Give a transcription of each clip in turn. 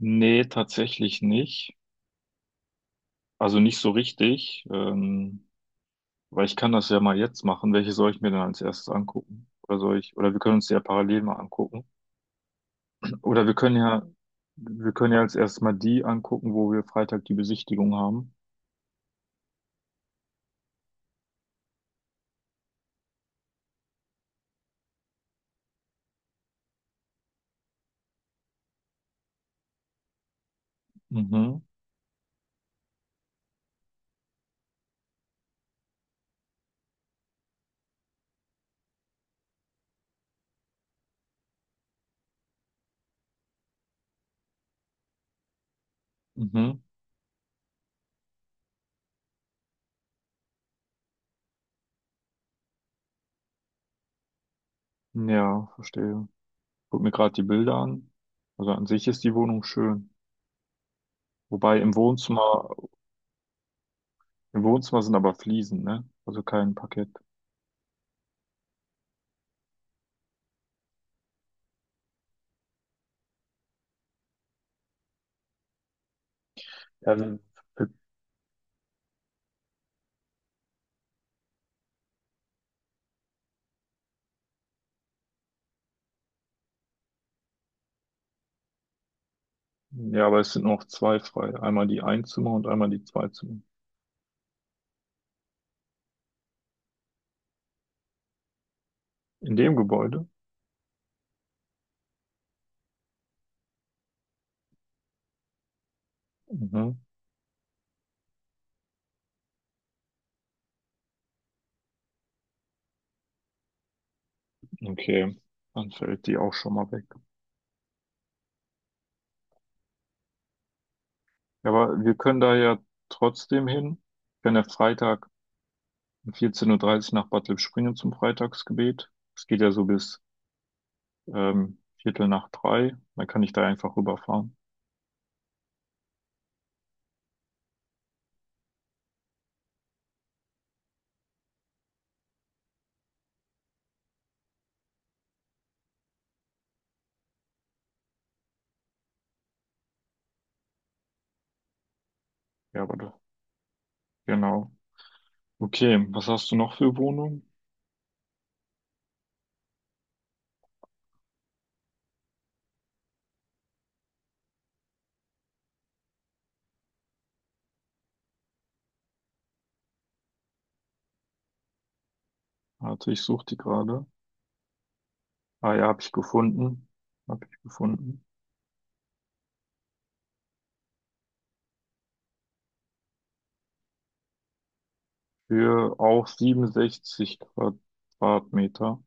Nee, tatsächlich nicht. Also nicht so richtig, weil ich kann das ja mal jetzt machen. Welche soll ich mir denn als erstes angucken? Oder soll ich, oder wir können uns die ja parallel mal angucken. Oder wir können ja als erstes mal die angucken, wo wir Freitag die Besichtigung haben. Mhm, mhm. Ja, verstehe. Guck mir gerade die Bilder an. Also an sich ist die Wohnung schön. Wobei im Wohnzimmer sind aber Fliesen, ne? Also kein Parkett. Ja, wir Ja, aber es sind noch zwei frei. Einmal die Einzimmer und einmal die Zweizimmer. In dem Gebäude? Mhm. Okay, dann fällt die auch schon mal weg. Ja, aber wir können da ja trotzdem hin. Wir können ja Freitag um 14:30 Uhr dreißig nach Bad Lippspringe zum Freitagsgebet. Es geht ja so bis Viertel nach drei. Dann kann ich da einfach rüberfahren. Ja, aber da- genau. Okay, was hast du noch für Wohnungen? Warte, ich suche die gerade. Ah ja, habe ich gefunden. Habe ich gefunden. Für auch 67 Quadratmeter.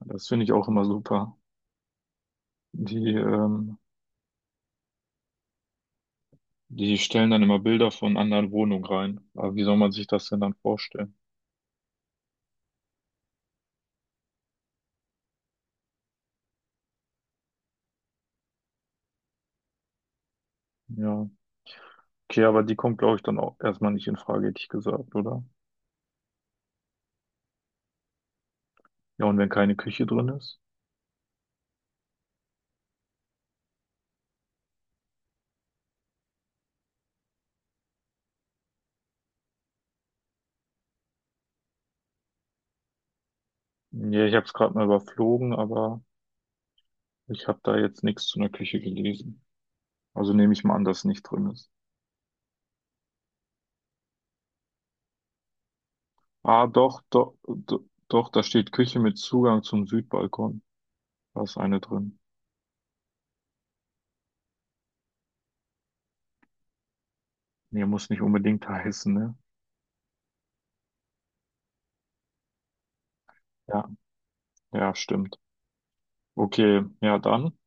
Das finde ich auch immer super. Die, ähm, die stellen dann immer Bilder von anderen Wohnungen rein. Aber wie soll man sich das denn dann vorstellen? Ja. Okay, aber die kommt, glaube ich, dann auch erstmal nicht in Frage, hätte ich gesagt, oder? Ja, und wenn keine Küche drin ist? Ja, ich habe es gerade mal überflogen, aber ich habe da jetzt nichts zu einer Küche gelesen. Also nehme ich mal an, dass nicht drin ist. Ah, doch, doch, doch, doch, da steht Küche mit Zugang zum Südbalkon. Da ist eine drin. Nee, muss nicht unbedingt heißen, ne? Ja, ja, stimmt. Okay, ja, dann,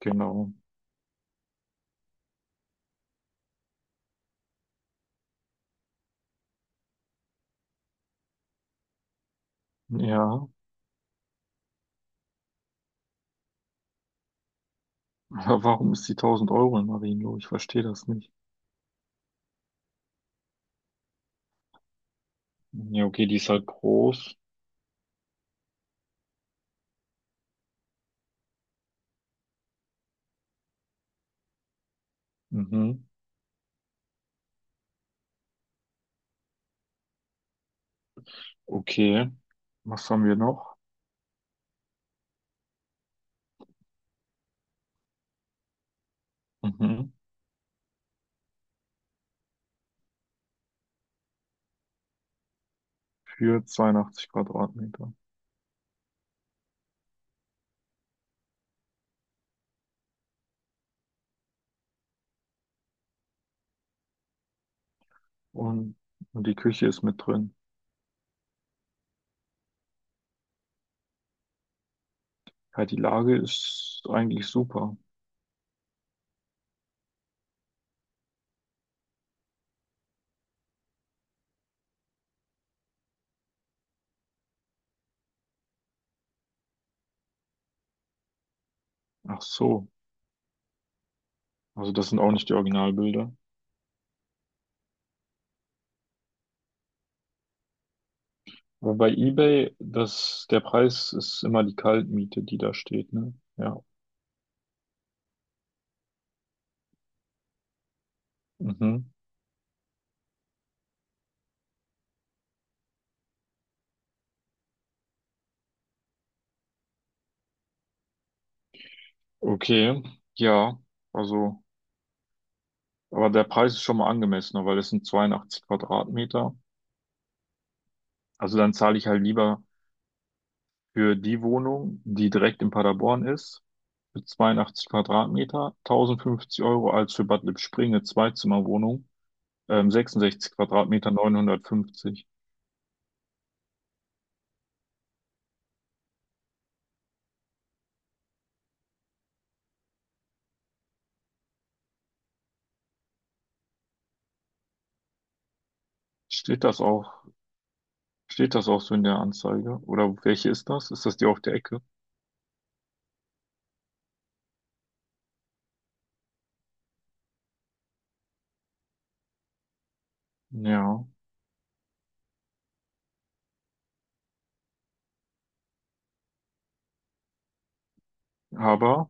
genau. Ja, aber warum ist die 1000 Euro in Marienloh? Ich verstehe das nicht. Ja, okay, die ist halt groß. Mhm, okay. Was haben wir noch? Mhm, für 82 Quadratmeter. Und, und die Küche ist mit drin. Ja, die Lage ist eigentlich super. Ach so. Also das sind auch nicht die Originalbilder. Aber bei eBay, das, der Preis ist immer die Kaltmiete, die da steht, ne? Ja, Mhm. Okay, ja, also, aber der Preis ist schon mal angemessener, weil es sind 82 Quadratmeter. Also dann zahle ich halt lieber für die Wohnung, die direkt in Paderborn ist, für 82 Quadratmeter, 1050 Euro, als für Bad Lippspringe, Zweizimmerwohnung, 66 Quadratmeter, 950. Steht das auch, steht das auch so in der Anzeige? Oder welche ist das? Ist das die auf der Ecke? Ja, aber,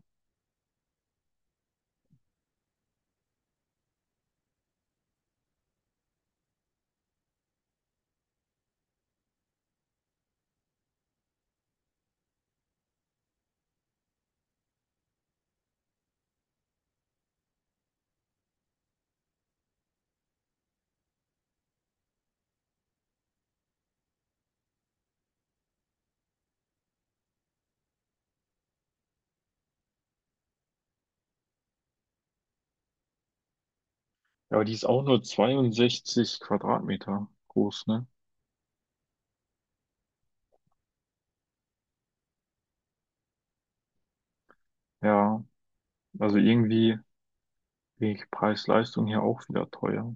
ja, aber die ist auch nur 62 Quadratmeter groß, ne? Ja, also irgendwie ich Preis-Leistung hier auch wieder teuer.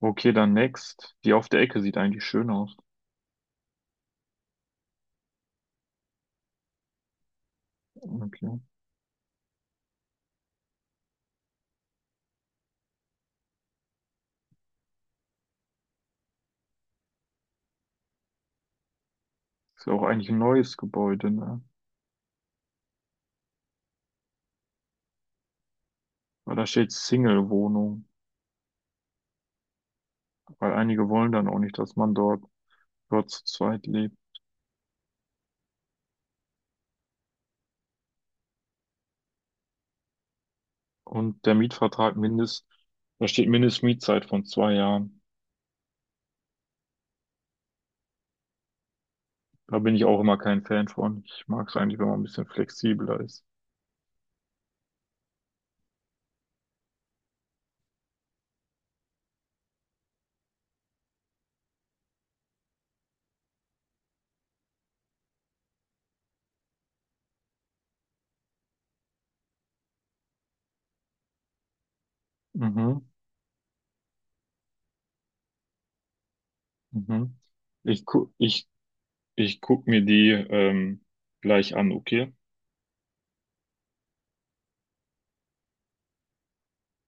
Okay, dann Next. Die auf der Ecke sieht eigentlich schön aus. Okay. Ist ja auch eigentlich ein neues Gebäude, ne? Weil da steht Single-Wohnung. Weil einige wollen dann auch nicht, dass man dort, dort zu zweit lebt. Und der Mietvertrag mindest, da steht Mindestmietzeit von 2 Jahren. Da bin ich auch immer kein Fan von. Ich mag es eigentlich, wenn man ein bisschen flexibler ist. Mhm, mhm. Ich gu ich, ich guck mir die gleich an, okay?